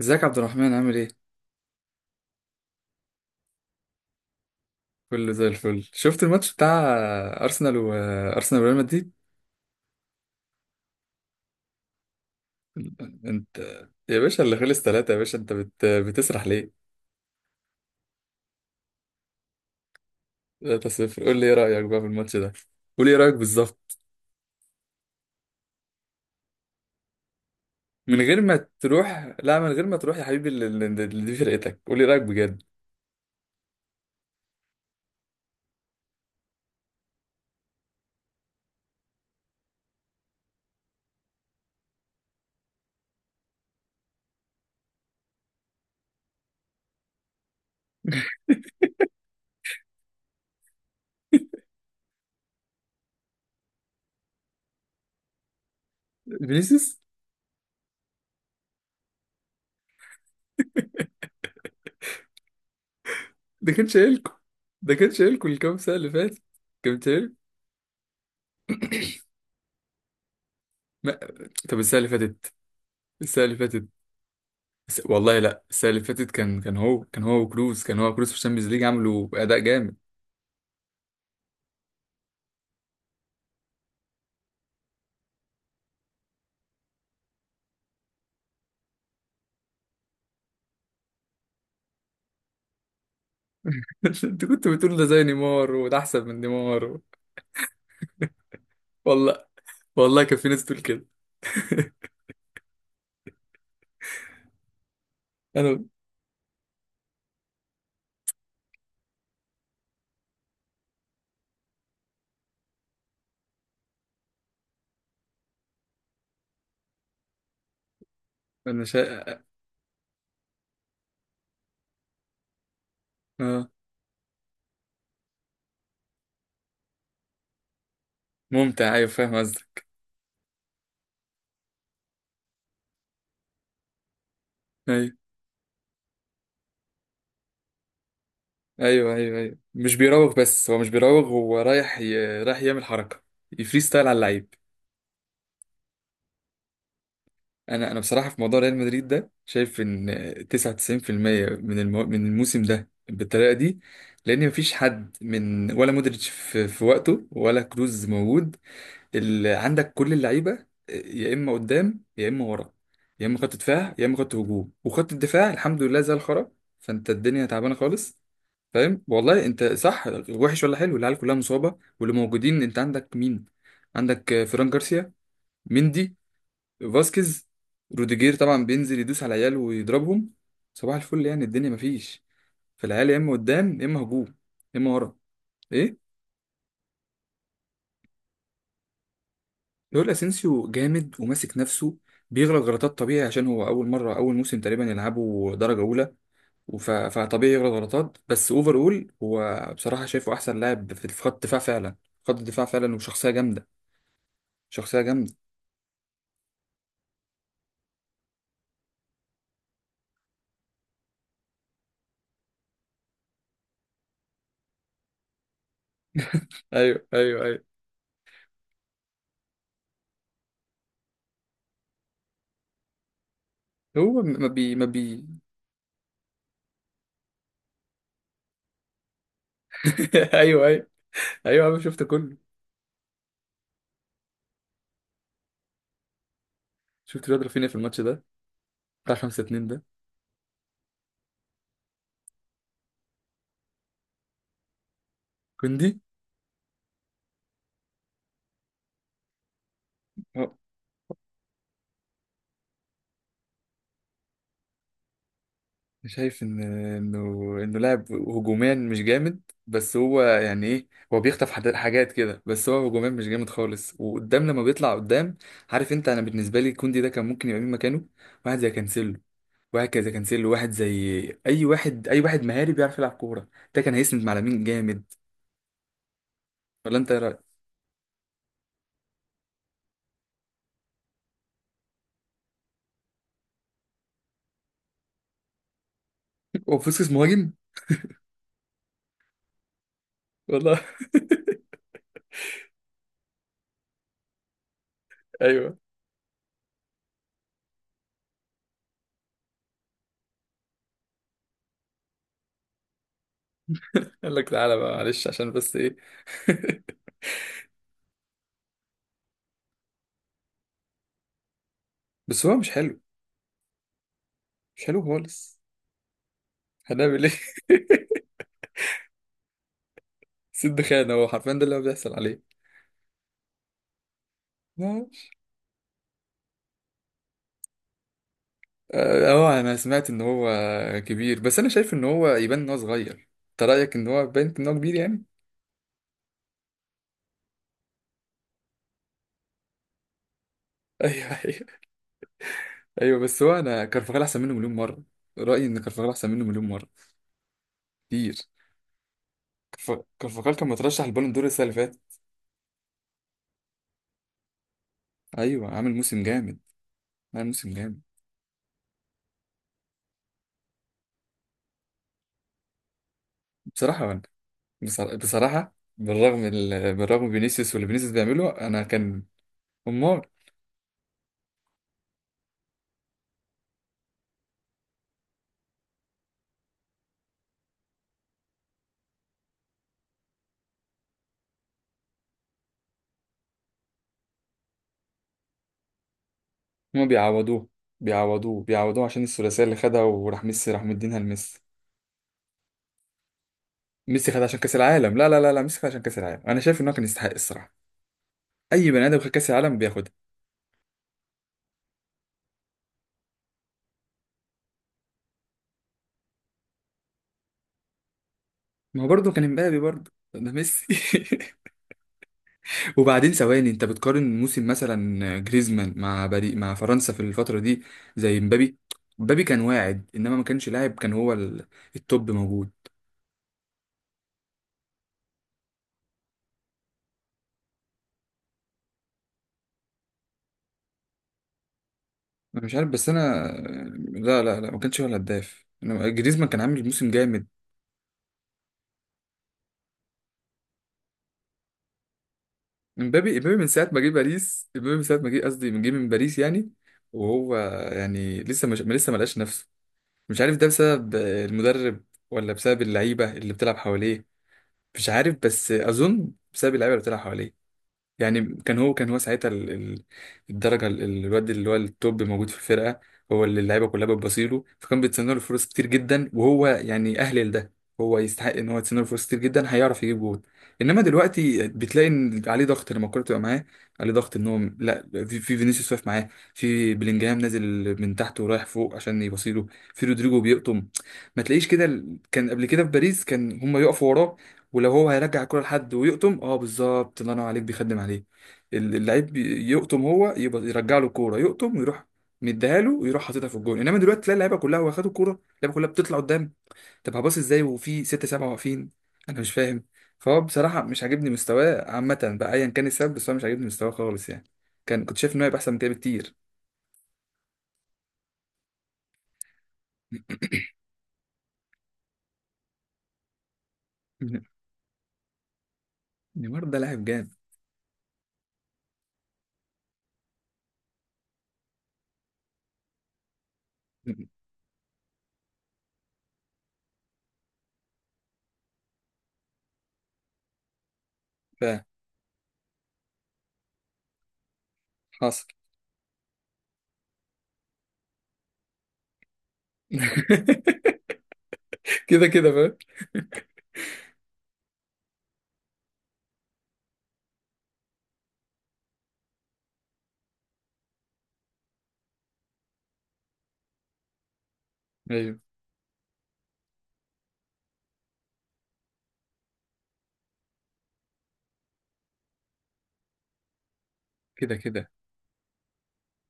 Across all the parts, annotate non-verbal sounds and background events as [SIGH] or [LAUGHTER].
ازيك يا عبد الرحمن، عامل ايه؟ كله زي الفل. شفت الماتش بتاع ارسنال وريال مدريد؟ انت يا باشا، اللي خلص ثلاثة يا باشا، بتسرح ليه؟ 3-0. قول لي ايه رأيك بقى في الماتش ده؟ قول لي ايه رأيك بالظبط؟ من غير ما تروح، لا من غير ما تروح يا حبيبي، اللي دي فرقتك، قول لي إيه رأيك بجد؟ فينيسيوس، ده كان شايلكوا ده كان شايلكوا الكام سنة اللي فاتت، كان شايلكوا. ما... طب السنة اللي فاتت، السنة اللي فاتت والله لا، السنة اللي فاتت كان هو وكروز في الشامبيونز ليج، عملوا أداء جامد. [LAUGHS] انت كنت بتقول ده زي نيمار، وده أحسن من نيمار والله، والله كان في ناس تقول كده. أنا أنا شا... آه ممتع، أيوه فاهم قصدك. أيوه أيوه أيوه أيوه، مش بيراوغ. بس هو مش بيراوغ، هو رايح رايح يعمل حركة، يفري ستايل على اللعيب. انا بصراحه في موضوع ريال مدريد ده شايف ان 99% من الموسم ده بالطريقه دي، لان مفيش حد. من ولا مودريتش في وقته، ولا كروز موجود. اللي عندك كل اللعيبه يا اما قدام يا اما ورا، يا اما خط دفاع يا اما خط هجوم. وخط الدفاع الحمد لله زي الخرا، فانت الدنيا تعبانه خالص. فاهم والله؟ انت صح، وحش ولا حلو؟ العيال كلها مصابه، واللي موجودين انت عندك مين؟ عندك فران جارسيا، مندي، فاسكيز، روديجير طبعا بينزل يدوس على العيال ويضربهم، صباح الفل. يعني الدنيا مفيش. فالعيال يا اما قدام يا اما هجوم يا اما ورا، ايه. دول اسينسيو جامد وماسك نفسه، بيغلط غلطات طبيعي عشان هو اول مره، اول موسم تقريبا يلعبه درجه اولى، فطبيعي يغلط غلطات. بس اوفر اول، هو بصراحه شايفه احسن لاعب في خط الدفاع فعلا، خط الدفاع فعلا، وشخصيه جامده. شخصيه جامده، ايوه ايوه ايوه. هو ما بي ما بي [LAUGHS] ايوه ايوه ايوه، انا شفت كله. شفت الواد رافينيا في الماتش ده بتاع 5-2 ده. كوندي، اه، شايف ان انه لاعب هجوميا مش جامد. بس هو يعني ايه، هو بيخطف حاجات كده، بس هو هجوميا مش جامد خالص، وقدام لما بيطلع قدام. عارف انت، انا بالنسبه لي كوندي ده كان ممكن يبقى مين مكانه؟ واحد زي كانسيلو، واحد زي كانسيلو واحد زي اي واحد، مهاري بيعرف يلعب كوره. ده كان هيسند مع لامين جامد. ولا انت ايه رايك؟ [LAUGHS] هو فوسكس مهاجم؟ والله. [LAUGHS] ايوه، قال لك تعالى بقى. معلش عشان بس ايه. [LAUGHS] بس هو مش حلو، مش حلو خالص. هنعمل ايه؟ [LAUGHS] سد خان، هو حرفيا ده اللي هو بيحصل عليه. اه. انا سمعت ان هو كبير، بس انا شايف ان هو يبان ان هو صغير. انت رايك ان هو باين ان هو كبير يعني؟ [LAUGHS] ايوه ايوه ايوه. بس هو، انا كرفخال احسن منه مليون مره، رايي ان كرفخال احسن منه مليون مره كتير. كرفخال كان مترشح البالون دور السنه اللي فاتت، ايوه عامل موسم جامد، عامل موسم جامد. بصراحه انا بصراحه بصراحة بالرغم من فينيسيوس واللي فينيسيوس بيعمله، انا كان. امال. هما بيعوضوه، بيعوضوه عشان الثلاثيه اللي خدها، وراح ميسي، راح مدينها لميسي. ميسي خدها عشان كاس العالم، لا لا لا لا، ميسي خدها عشان كاس العالم. انا شايف ان هو كان يستحق الصراحه. اي بني ادم خد كاس العالم بياخدها. ما هو برضه كان امبابي برضه ده ميسي. [LAUGHS] وبعدين ثواني، انت بتقارن موسم مثلا جريزمان مع بري مع فرنسا في الفتره دي زي امبابي؟ امبابي كان واعد، انما ما كانش لاعب، كان هو التوب موجود. انا مش عارف، بس انا لا لا لا، ما كانش هو الهداف. جريزمان كان عامل موسم جامد. امبابي من ساعة ما جه باريس، امبابي من ساعة ما جه، قصدي من جه من باريس يعني. وهو يعني لسه مش، لسه ما لقاش نفسه. مش عارف ده بسبب المدرب ولا بسبب اللعيبة اللي بتلعب حواليه؟ مش عارف، بس أظن بسبب اللعيبة اللي بتلعب حواليه. يعني كان هو ساعتها الدرجه، الواد اللي هو التوب موجود في الفرقه. هو اللي اللعيبه كلها بتبصيله، فكان بيتسنى له فرص كتير جدا، وهو يعني اهل لده. هو يستحق ان هو يتسنى له فرص كتير جدا، هيعرف يجيب جول. انما دلوقتي بتلاقي ان عليه ضغط لما الكوره تبقى معاه. عليه ضغط ان هو، لا، في فينيسيوس واقف معاه، في بلينجهام نازل من تحت ورايح فوق عشان يبصيله، في رودريجو بيقطم. ما تلاقيش كده. كان قبل كده في باريس كان هم يقفوا وراه، ولو هو هيرجع الكرة لحد ويقطم، اه بالظبط، الله ينور عليك، بيخدم عليه. اللعيب يقطم، هو يبقى يرجع له الكوره، يقطم ويروح، مديها له ويروح حاططها في الجون. انما دلوقتي تلاقي اللعيبه كلها واخدوا الكوره، اللعيبه كلها بتطلع قدام. طب هباص ازاي وفي ستة سبعة واقفين؟ انا مش فاهم. فهو بصراحه مش عاجبني مستواه عامه بقى، ايا كان السبب، بس هو مش عاجبني مستواه خالص يعني. كان كنت شايف ان هو هيبقى احسن من كده بكتير. [LAUGHS] ن- نيمار ده لاعب جامد. فحاصل. [LAUGHS] كده كده فاهم، ايوه كده كده،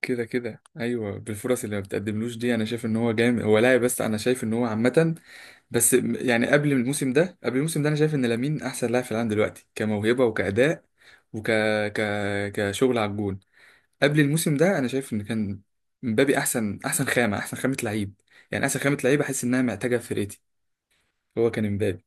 كده كده ايوه. بالفرص اللي ما بتقدملوش دي انا شايف ان هو جامد، هو لاعب، بس انا شايف ان هو عامه. بس يعني قبل الموسم ده انا شايف ان لامين احسن لاعب في العالم دلوقتي، كموهبه وكاداء وك ك... كشغل على الجون. قبل الموسم ده انا شايف ان كان مبابي احسن، خامه، احسن خامه لعيب يعني احسن خامه لعيب احس انها محتاجه في فرقتي. هو كان مبابي.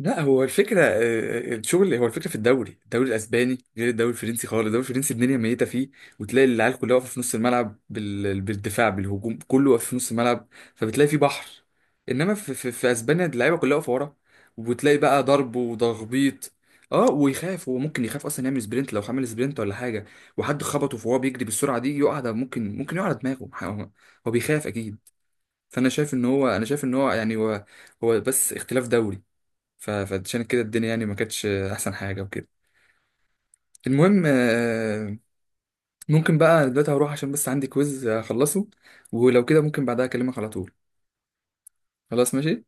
لا هو الفكرة، الشغل هو الفكرة. في الدوري، الدوري الأسباني غير الدوري الفرنسي خالص، الدوري الفرنسي الدنيا ميتة فيه. وتلاقي العيال كلها واقفة في نص الملعب بالدفاع بالهجوم، كله واقف في نص الملعب، فبتلاقي فيه بحر. إنما في أسبانيا اللعيبة كلها واقفة ورا، وبتلاقي بقى ضرب وتخبيط. اه، ويخاف هو، ممكن يخاف اصلا يعمل سبرنت، لو عمل سبرنت ولا حاجه وحد خبطه فهو بيجري بالسرعه دي يقع ده، ممكن، يقع على دماغه هو. هو بيخاف اكيد. فانا شايف ان هو يعني هو، هو بس اختلاف دوري. فعشان كده الدنيا يعني ما كانتش احسن حاجه وكده. المهم، ممكن بقى، أنا دلوقتي هروح عشان بس عندي كويز اخلصه، ولو كده ممكن بعدها اكلمك على طول. خلاص ماشي،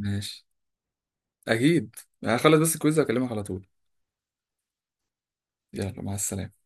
ماشي اكيد. هخلص بس الكويز واكلمك على طول. يلا، مع السلامه.